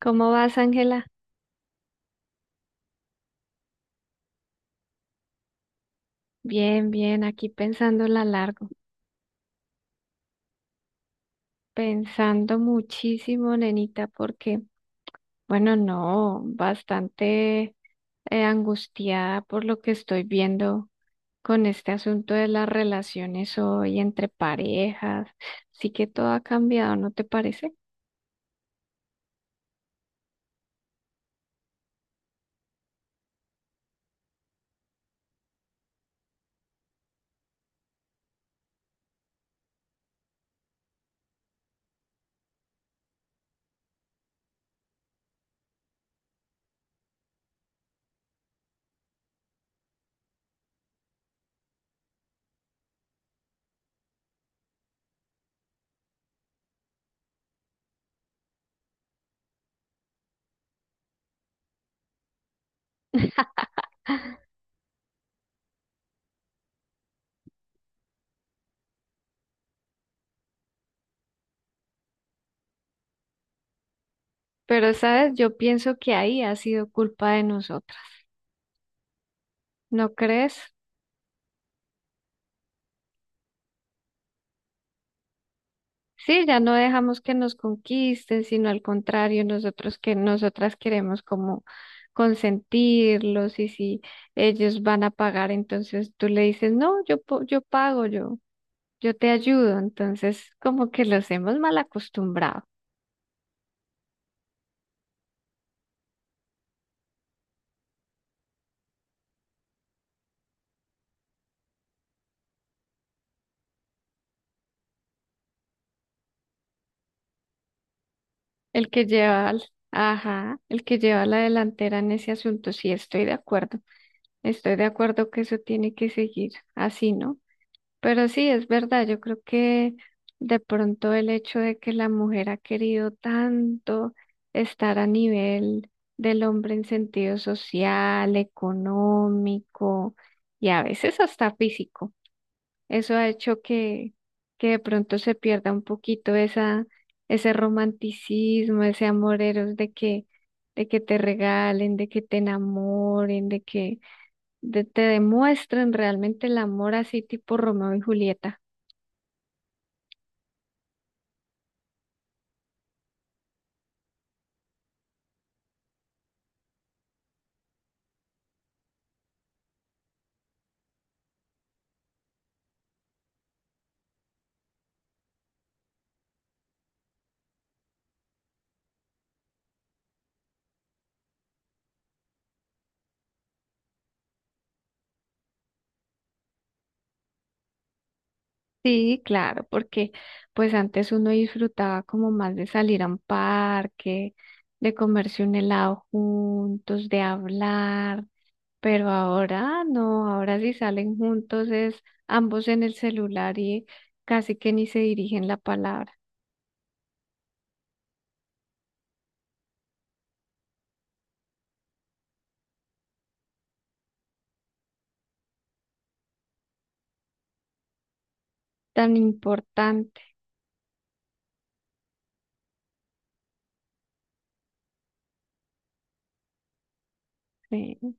¿Cómo vas, Ángela? Bien, bien, aquí pensándola largo, pensando muchísimo, nenita, porque, bueno, no, bastante angustiada por lo que estoy viendo con este asunto de las relaciones hoy entre parejas. Sí que todo ha cambiado, ¿no te parece? Pero, sabes, yo pienso que ahí ha sido culpa de nosotros, ¿no crees? Sí, ya no dejamos que nos conquisten, sino al contrario, nosotros que nosotras queremos como consentirlos y si ellos van a pagar, entonces tú le dices, no, yo, yo pago, yo te ayudo. Entonces, como que los hemos mal acostumbrado. El que lleva, ajá, el que lleva la delantera en ese asunto, sí, estoy de acuerdo. Estoy de acuerdo que eso tiene que seguir así, ¿no? Pero sí, es verdad, yo creo que de pronto el hecho de que la mujer ha querido tanto estar a nivel del hombre en sentido social, económico y a veces hasta físico, eso ha hecho que de pronto se pierda un poquito esa, ese romanticismo, ese amor eros de que te regalen, de que te enamoren, de que te demuestren realmente el amor así tipo Romeo y Julieta. Sí, claro, porque pues antes uno disfrutaba como más de salir a un parque, de comerse un helado juntos, de hablar, pero ahora no, ahora si salen juntos es ambos en el celular y casi que ni se dirigen la palabra, tan importante. Sí.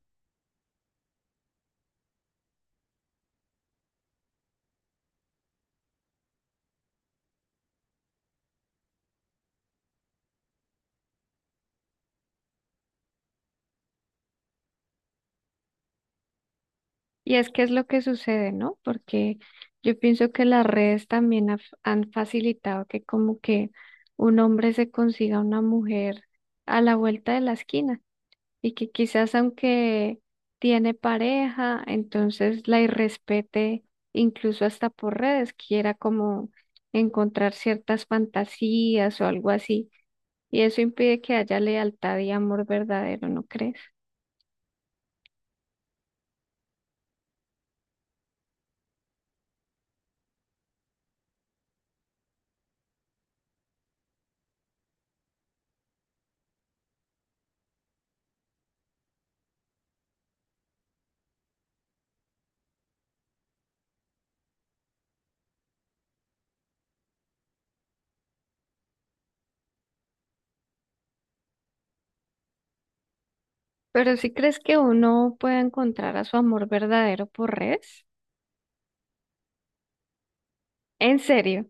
Y es que es lo que sucede, ¿no? Porque yo pienso que las redes también han facilitado que como que un hombre se consiga una mujer a la vuelta de la esquina y que quizás aunque tiene pareja, entonces la irrespete incluso hasta por redes, quiera como encontrar ciertas fantasías o algo así. Y eso impide que haya lealtad y amor verdadero, ¿no crees? ¿Pero si crees que uno puede encontrar a su amor verdadero por redes? ¿En serio?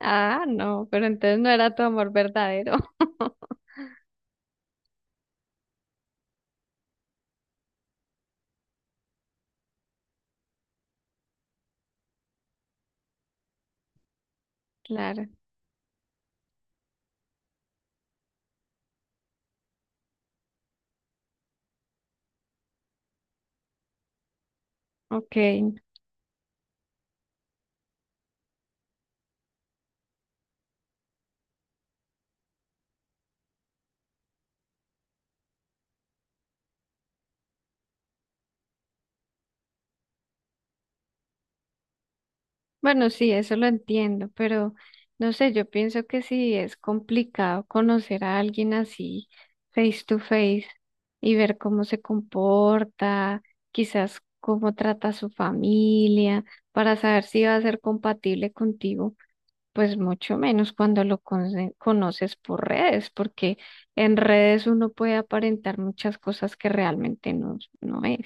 Ah, no, pero entonces no era tu amor verdadero. Claro, ok. Bueno, sí, eso lo entiendo, pero no sé, yo pienso que sí es complicado conocer a alguien así face to face y ver cómo se comporta, quizás cómo trata a su familia, para saber si va a ser compatible contigo. Pues mucho menos cuando lo conoces por redes, porque en redes uno puede aparentar muchas cosas que realmente no, no es.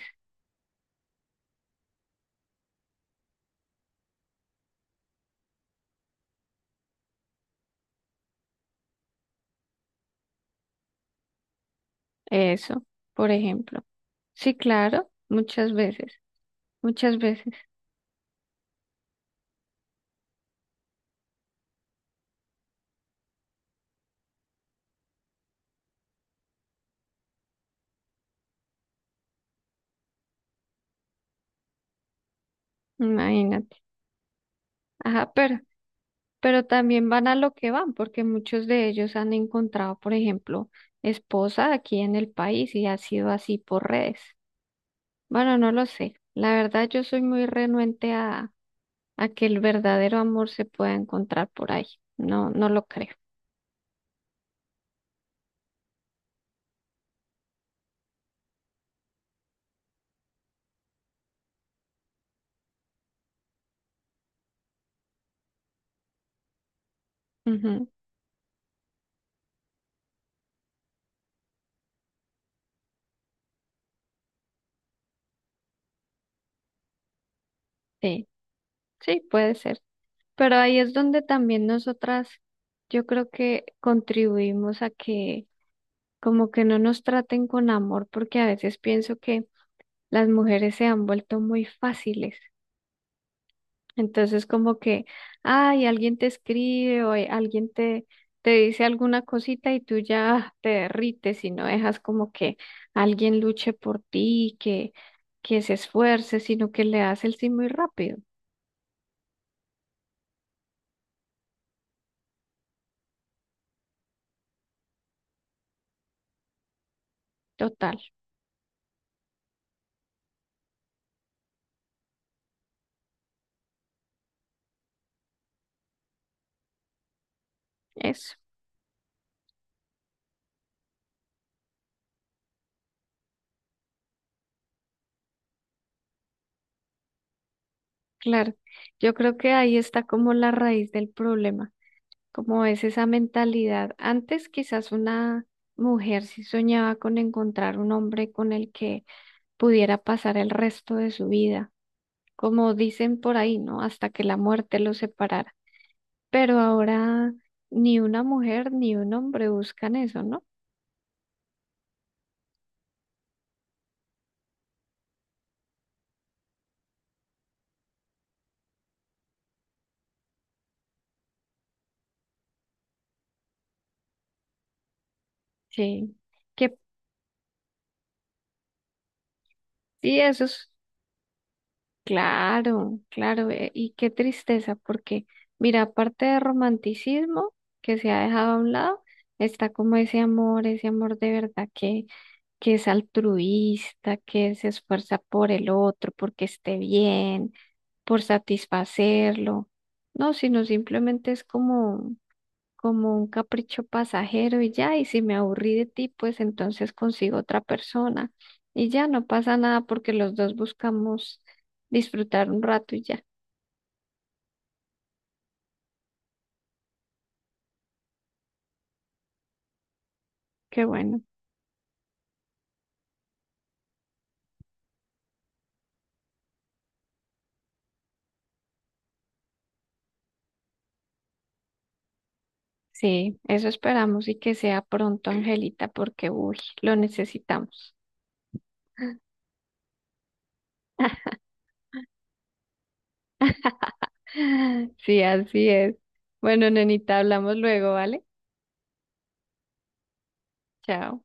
Eso, por ejemplo. Sí, claro, muchas veces, imagínate. Ajá, pero también van a lo que van, porque muchos de ellos han encontrado, por ejemplo, esposa aquí en el país y ha sido así por redes. Bueno, no lo sé. La verdad, yo soy muy renuente a que el verdadero amor se pueda encontrar por ahí. No, no lo creo. Ujú. Sí, sí, puede ser. Pero ahí es donde también nosotras, yo creo que contribuimos a que como que no nos traten con amor, porque a veces pienso que las mujeres se han vuelto muy fáciles. Entonces, como que, ay, alguien te escribe o alguien te, te dice alguna cosita y tú ya te derrites y no dejas como que alguien luche por ti, que se esfuerce, sino que le das el sí muy rápido. Total, eso, claro. Yo creo que ahí está como la raíz del problema, como es esa mentalidad. Antes quizás una mujer sí soñaba con encontrar un hombre con el que pudiera pasar el resto de su vida como dicen por ahí, ¿no? Hasta que la muerte los separara. Pero ahora ni una mujer ni un hombre buscan eso, ¿no? Sí. Que sí, eso es claro, claro. Y qué tristeza, porque mira, aparte de romanticismo que se ha dejado a un lado, está como ese amor de verdad que es altruista, que se esfuerza por el otro, porque esté bien, por satisfacerlo. No, sino simplemente es como, como un capricho pasajero y ya, y si me aburrí de ti, pues entonces consigo otra persona y ya no pasa nada porque los dos buscamos disfrutar un rato y ya. Qué bueno. Sí, eso esperamos y que sea pronto, Angelita, porque uy, lo necesitamos. Sí, así es. Bueno, nenita, hablamos luego, ¿vale? Chao.